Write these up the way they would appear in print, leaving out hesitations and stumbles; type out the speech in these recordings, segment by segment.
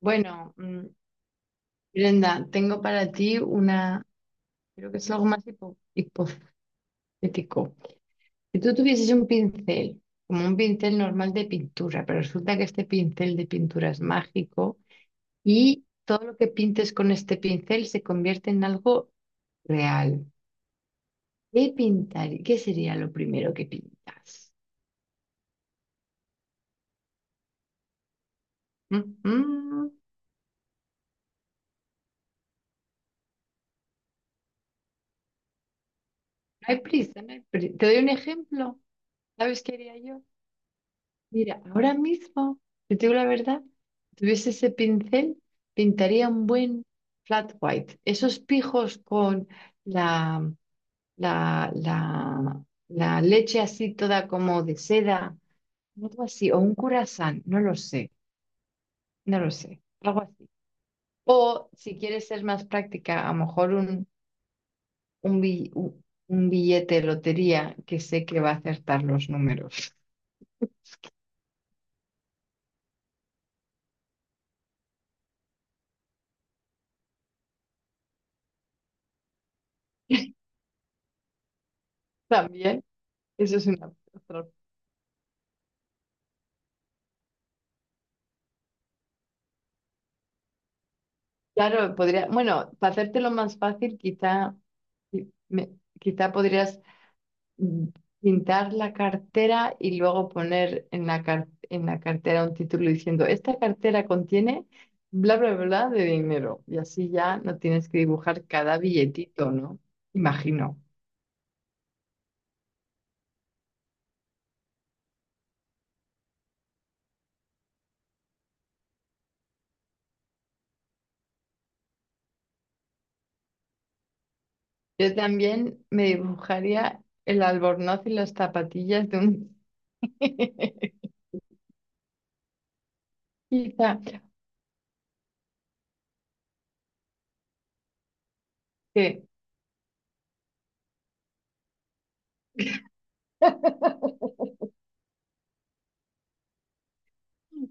Bueno, Brenda, tengo para ti una, creo que es algo más hipotético. Si tú tuvieses un pincel, como un pincel normal de pintura, pero resulta que este pincel de pintura es mágico y todo lo que pintes con este pincel se convierte en algo real. ¿Qué pintar? ¿Qué sería lo primero que pintas? Mm, mm, No hay prisa, no hay Te doy un ejemplo. ¿Sabes qué haría yo? Mira, ahora mismo, si te digo la verdad, si tuviese ese pincel, pintaría un buen flat white. Esos pijos con la, la leche así toda como de seda, algo así, o un curasán, no lo sé, algo así. O si quieres ser más práctica, a lo mejor un, bi- un billete de lotería que sé que va a acertar los números. También, eso es una otra. Claro, podría, bueno, para hacértelo más fácil, quizá, qui- me- quizá podrías mm, pintar la cartera y luego poner en en la cartera un título diciendo, esta cartera contiene bla, bla, bla de dinero. Y así ya no tienes que dibujar cada billetito, ¿no? Imagino. Yo también me dibujaría el albornoz y las zapatillas de un... Quizá que.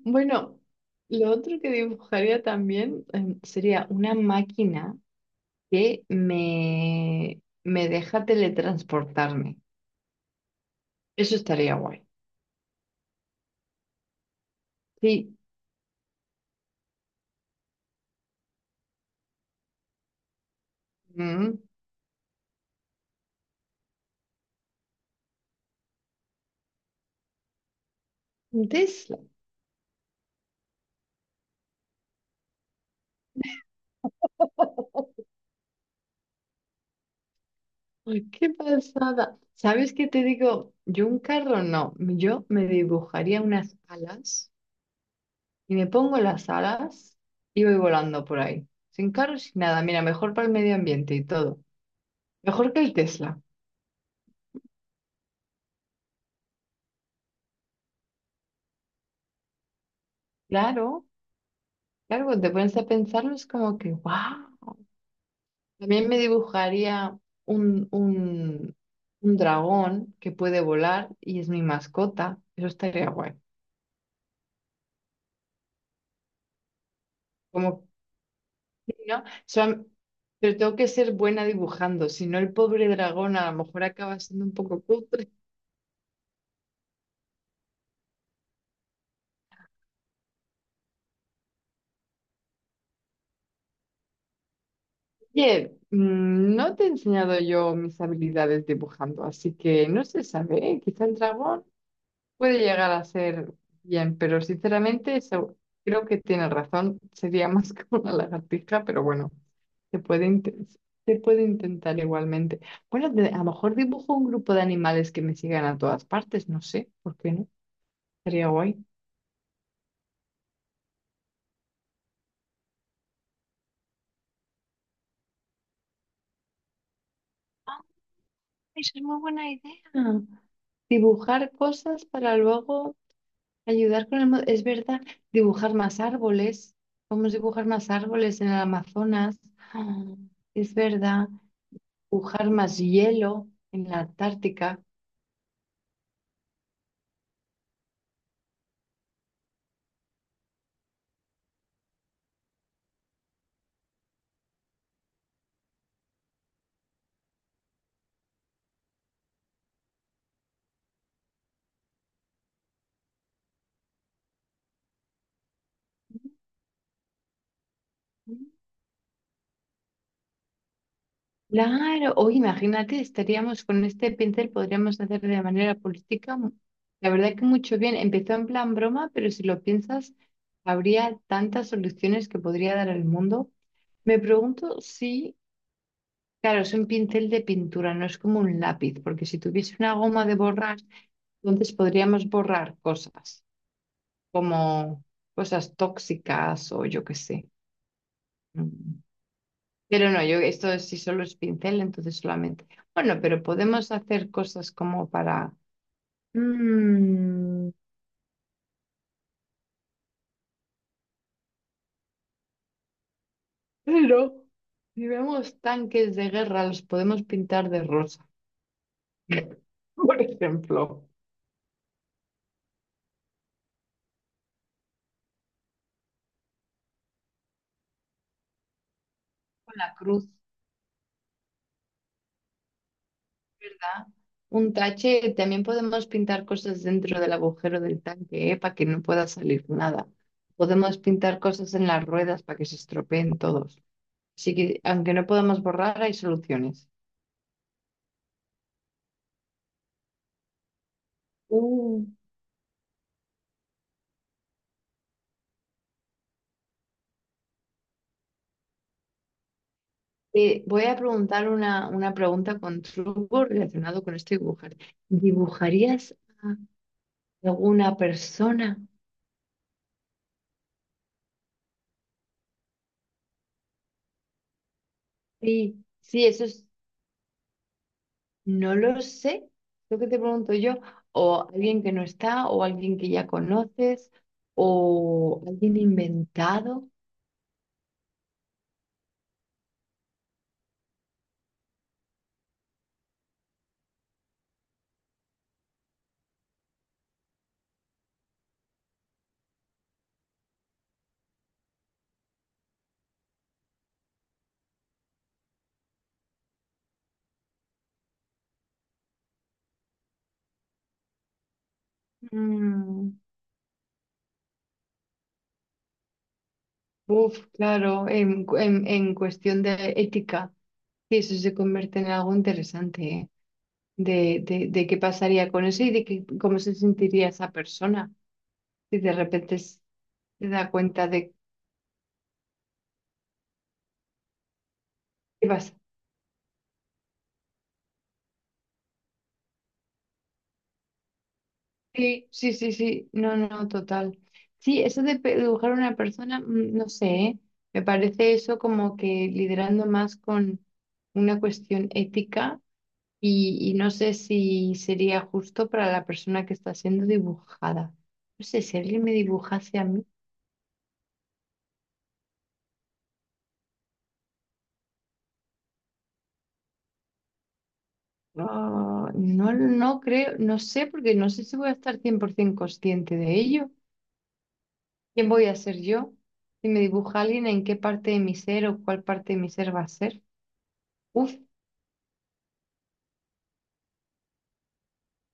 Bueno, lo otro que dibujaría también sería una máquina que me deja teletransportarme. Eso estaría guay. Sí, mm, un Tesla. Ay, qué pasada. ¿Sabes qué te digo? Yo un carro no. Yo me dibujaría unas alas y me pongo las alas y voy volando por ahí. Sin carro, sin nada. Mira, mejor para el medio ambiente y todo. Mejor que el Tesla. Claro. Claro, cuando te pones a pensarlo es como que, wow. También me dibujaría un, un, un dragón que puede volar y es mi mascota. Eso estaría guay. Como, ¿no? Pero tengo que ser buena dibujando, si no el pobre dragón a lo mejor acaba siendo un poco cutre. Oye, no te he enseñado yo mis habilidades dibujando, así que no se sabe, ¿eh? Quizá el dragón. Puede llegar a ser bien, pero sinceramente eso creo que tiene razón. Sería más que una lagartija, pero bueno, se puede, inten- se puede intentar igualmente. Bueno, a lo mejor dibujo un grupo de animales que me sigan a todas partes, no sé, ¿por qué no? Sería guay. Eso es muy buena idea. Ah, dibujar cosas para luego ayudar con el... Es verdad, dibujar más árboles. Podemos dibujar más árboles en el Amazonas. Ah, es verdad. Pujar más hielo en la Antártica. Claro, o imagínate, estaríamos con este pincel, podríamos hacer de manera política, la verdad que mucho bien. Empezó en plan broma, pero si lo piensas, habría tantas soluciones que podría dar al mundo. Me pregunto si, claro, es un pincel de pintura, no es como un lápiz, porque si tuviese una goma de borrar, entonces podríamos borrar cosas, como cosas tóxicas o yo qué sé. mm, Pero no, yo esto sí solo es pincel, entonces solamente. Bueno, pero podemos hacer cosas como para... Mm, pero si vemos tanques de guerra, los podemos pintar de rosa. Por ejemplo, con la cruz, ¿verdad? Un tache, también podemos pintar cosas dentro del agujero del tanque, ¿eh? Para que no pueda salir nada. Podemos pintar cosas en las ruedas para que se estropeen todos. Así que, aunque no podamos borrar, hay soluciones. Uh. Te voy a preguntar una pregunta con truco relacionado con este dibujar. ¿Dibujarías a alguna persona? Sí, sí, eso es, no lo sé, lo que te pregunto yo, o alguien que no está, o alguien que ya conoces, o alguien inventado. Mm, uf, claro, en cuestión de ética, sí, eso se convierte en algo interesante, ¿eh? De qué pasaría con eso y de cómo se sentiría esa persona si de repente se da cuenta de qué pasa. Sí, sí, sí, sí, no, no, total. Sí, eso de dibujar a una persona, no sé, ¿eh? Me parece eso como que liderando más con una cuestión ética y no sé si sería justo para la persona que está siendo dibujada. No sé, si alguien me dibujase a mí. No, no, no creo, no sé, porque no sé si voy a estar 100% consciente de ello. ¿Quién voy a ser yo? Si me dibuja alguien, ¿en qué parte de mi ser o cuál parte de mi ser va a ser? Uf,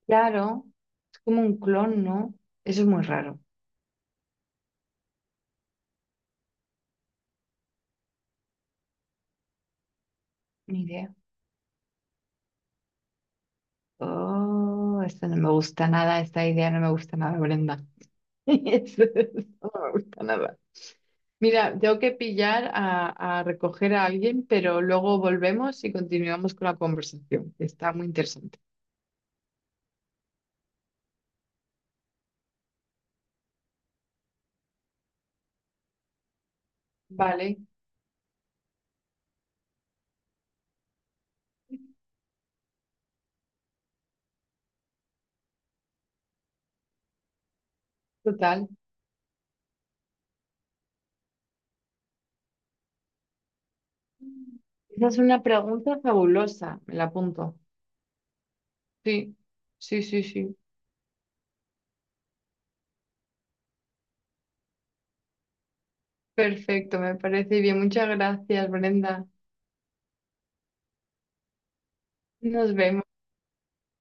claro, es como un clon, ¿no? Eso es muy raro, ni idea. Oh, esto no me gusta nada, esta idea no me gusta nada, Brenda. Eso no me gusta nada. Mira, tengo que pillar a recoger a alguien, pero luego volvemos y continuamos con la conversación, que está muy interesante. Vale, total. Esa es una pregunta fabulosa, me la apunto. Sí, sí, sí, sí. Perfecto, me parece bien. Muchas gracias, Brenda. Nos vemos.